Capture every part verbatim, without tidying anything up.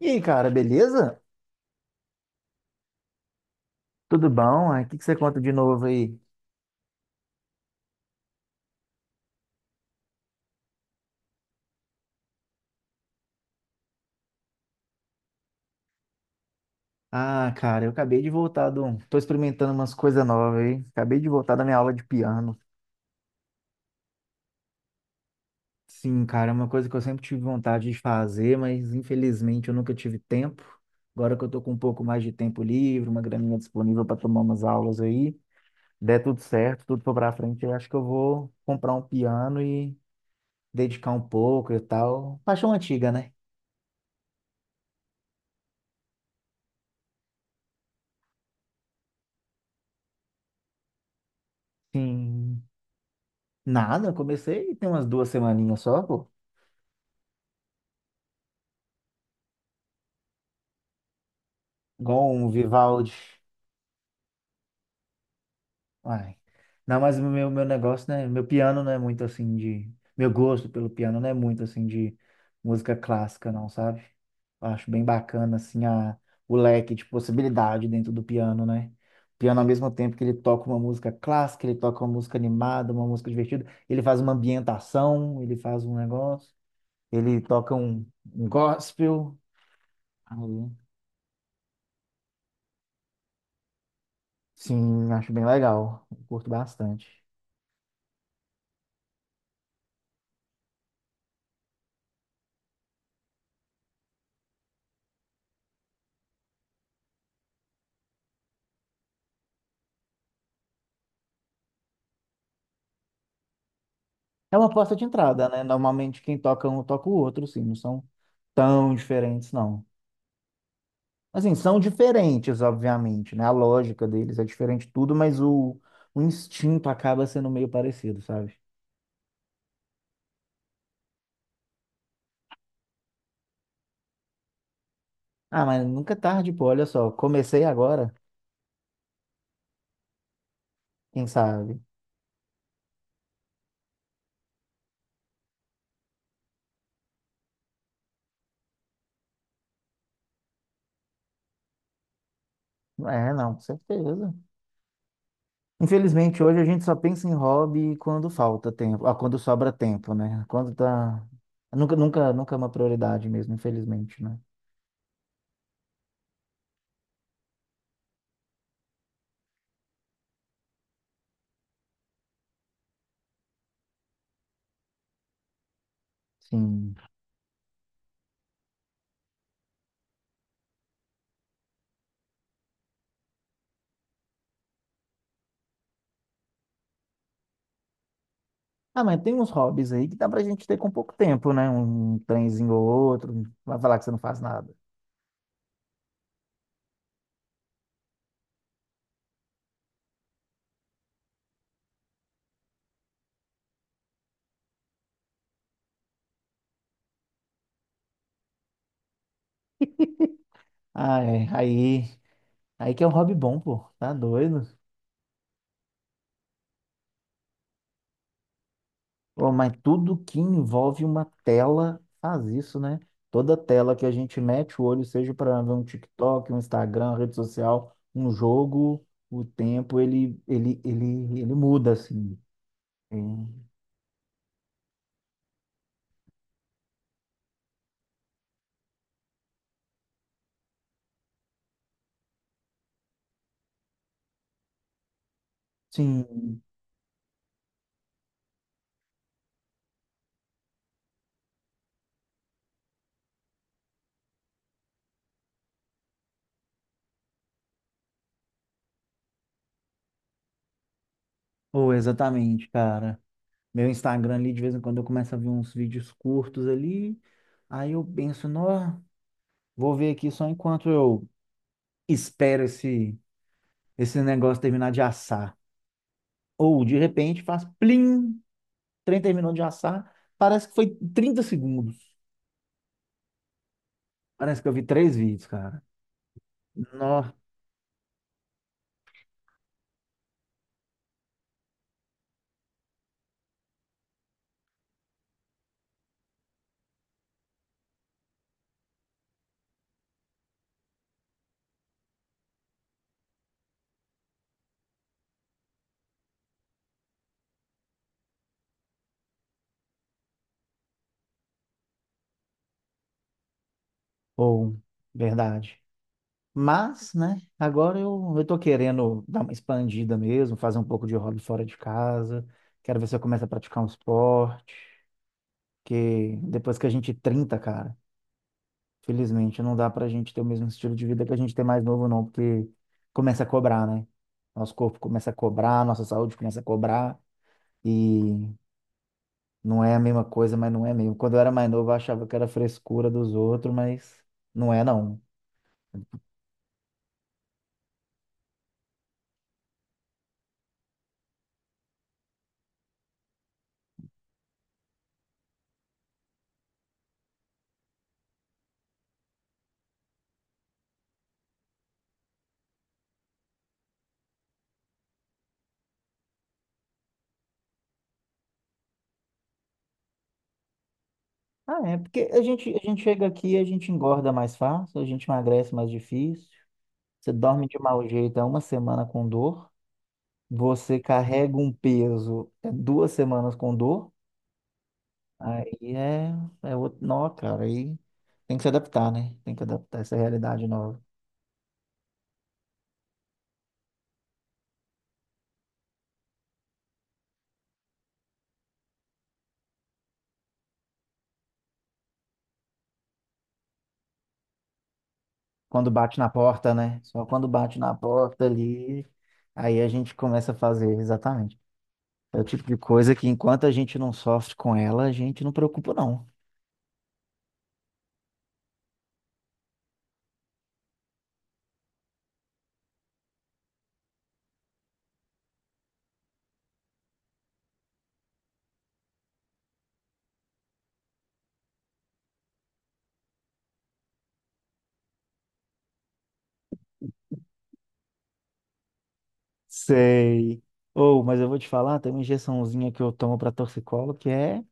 E aí, cara, beleza? Tudo bom? Aí, o que que você conta de novo aí? Ah, cara, eu acabei de voltar do... um, Tô experimentando umas coisas novas aí. Acabei de voltar da minha aula de piano. Sim, cara, é uma coisa que eu sempre tive vontade de fazer, mas infelizmente eu nunca tive tempo. Agora que eu tô com um pouco mais de tempo livre, uma graninha disponível para tomar umas aulas aí, der tudo certo, tudo for pra frente, eu acho que eu vou comprar um piano e dedicar um pouco e tal. Paixão antiga, né? Sim. Nada, eu comecei tem umas duas semaninhas só, pô. Igual um Vivaldi. Ai. Não, mas o meu, meu negócio, né? Meu piano não é muito assim de. Meu gosto pelo piano não é muito assim de música clássica, não, sabe? Eu acho bem bacana, assim, a, o leque de possibilidade dentro do piano, né? O piano, ao mesmo tempo que ele toca uma música clássica, ele toca uma música animada, uma música divertida, ele faz uma ambientação, ele faz um negócio, ele toca um, um gospel. Aí, sim, acho bem legal. Curto bastante. É uma porta de entrada, né? Normalmente quem toca um toca o outro, sim, não são tão diferentes, não. Assim, são diferentes, obviamente, né? A lógica deles é diferente de tudo, mas o, o instinto acaba sendo meio parecido, sabe? Ah, mas nunca é tarde, pô, olha só, comecei agora, quem sabe? É, não, com certeza. Infelizmente, hoje a gente só pensa em hobby quando falta tempo, ah, quando sobra tempo, né? Quando tá... Nunca, nunca, nunca é uma prioridade mesmo, infelizmente, né? Sim. Ah, mas tem uns hobbies aí que dá pra gente ter com pouco tempo, né? Um trenzinho ou outro, vai falar que você não faz nada. Ah, é, aí, aí que é um hobby bom, pô, tá doido? Pô, mas tudo que envolve uma tela faz isso, né? Toda tela que a gente mete o olho, seja para ver um TikTok, um Instagram, rede social, um jogo, o tempo, ele, ele, ele, ele muda, assim. É. Sim, pô, exatamente, cara. Meu Instagram ali, de vez em quando eu começo a ver uns vídeos curtos ali. Aí eu penso, nó, vou ver aqui só enquanto eu espero esse, esse negócio terminar de assar. Ou de repente faz plim, o trem terminou de assar. Parece que foi trinta segundos. Parece que eu vi três vídeos, cara. Nó, ou, verdade. Mas, né, agora eu, eu tô querendo dar uma expandida mesmo, fazer um pouco de hobby fora de casa. Quero ver se eu começo a praticar um esporte. Porque depois que a gente trinta, cara, felizmente não dá pra gente ter o mesmo estilo de vida que a gente tem mais novo, não, porque começa a cobrar, né? Nosso corpo começa a cobrar, nossa saúde começa a cobrar, e não é a mesma coisa, mas não é mesmo. Quando eu era mais novo, eu achava que era frescura dos outros, mas não é, não. Ah, é, porque a gente, a gente chega aqui, a gente engorda mais fácil, a gente emagrece mais difícil, você dorme de mau jeito, é uma semana com dor, você carrega um peso, é duas semanas com dor. Aí é, é outro nó, cara. Aí tem que se adaptar, né? Tem que adaptar essa realidade nova. Quando bate na porta, né? Só quando bate na porta ali, aí a gente começa a fazer, exatamente. É o tipo de coisa que enquanto a gente não sofre com ela, a gente não preocupa, não. Sei. Ou, mas eu vou te falar, tem uma injeçãozinha que eu tomo para torcicolo, que é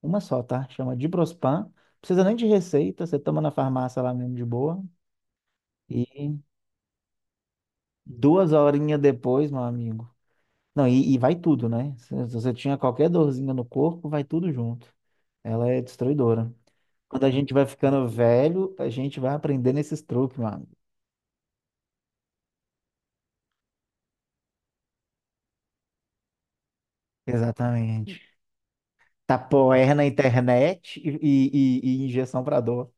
uma só, tá? Chama Diprospan. Precisa nem de receita, você toma na farmácia lá mesmo de boa. E duas horinhas depois, meu amigo. Não, e, e vai tudo, né? Se se você tinha qualquer dorzinha no corpo, vai tudo junto. Ela é destruidora. Quando a gente vai ficando velho, a gente vai aprendendo esses truques, mano. Exatamente. Tapoer na internet e, e, e- e injeção pra dor.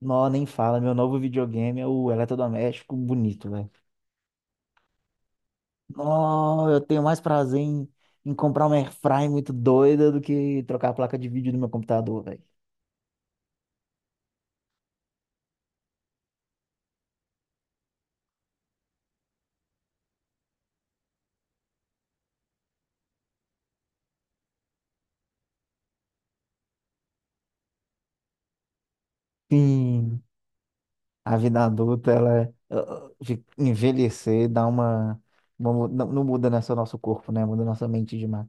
Nó, nem fala. Meu novo videogame é o eletrodoméstico bonito, velho. Nó, eu tenho mais prazer em, em comprar uma airfryer muito doida do que trocar a placa de vídeo do meu computador, velho. Sim. A vida adulta, ela é- de envelhecer dá uma, uma mu- não, não muda né, só nosso corpo, né? Muda nossa mente demais.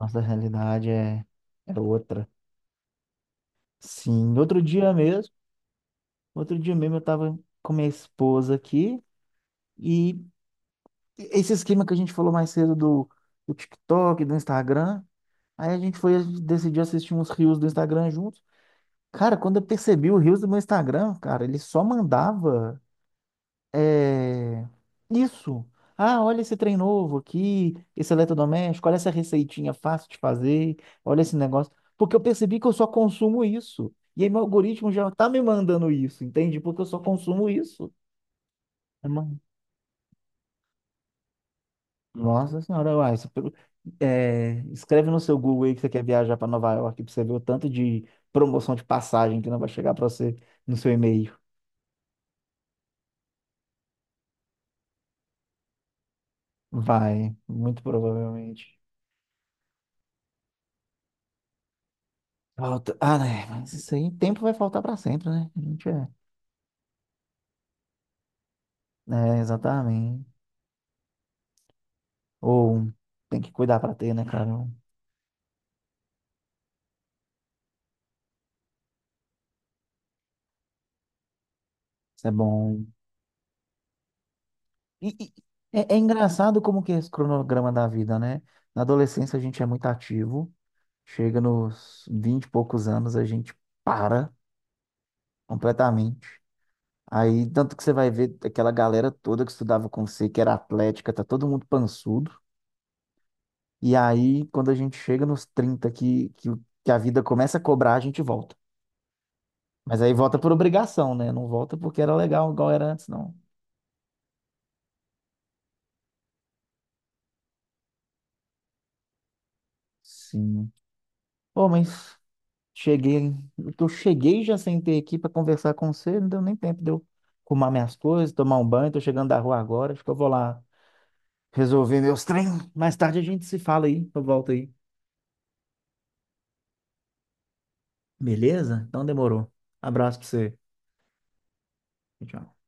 Nossa realidade é, é outra. Sim, outro dia mesmo, outro dia mesmo eu tava com minha esposa aqui e esse esquema que a gente falou mais cedo do, do TikTok, do Instagram, aí a gente foi decidir assistir uns reels do Instagram juntos. Cara, quando eu percebi o reels do meu Instagram, cara, ele só mandava é, isso. Ah, olha esse trem novo aqui, esse eletrodoméstico, olha essa receitinha fácil de fazer, olha esse negócio. Porque eu percebi que eu só consumo isso. E aí meu algoritmo já tá me mandando isso, entende? Porque eu só consumo isso. É, mano. Nossa senhora, uai, isso pelo- é, escreve no seu Google aí que você quer viajar para Nova York, pra você ver o tanto de promoção de passagem que não vai chegar para você no seu e-mail. Vai, muito provavelmente. Falta... Ah, né? Mas isso aí, tempo vai faltar pra sempre, né? A gente é. É, exatamente. Ou tem que cuidar pra ter, né, cara? Isso é bom. E, e- é, é engraçado como que é esse cronograma da vida, né? Na adolescência a gente é muito ativo. Chega nos vinte e poucos anos, a gente para completamente. Aí, tanto que você vai ver aquela galera toda que estudava com você, que era atlética, tá todo mundo pançudo. E aí, quando a gente chega nos trinta que, que, que a vida começa a cobrar, a gente volta. Mas aí volta por obrigação, né? Não volta porque era legal igual era antes, não. Sim. Pô, mas cheguei. Eu cheguei já sentei aqui pra conversar com você, não deu nem tempo de eu arrumar minhas coisas, tomar um banho. Tô chegando da rua agora, acho que eu vou lá resolver meus trem. Mais tarde a gente se fala aí, eu volto aí. Beleza? Então demorou. Abraço pra você. Tchau.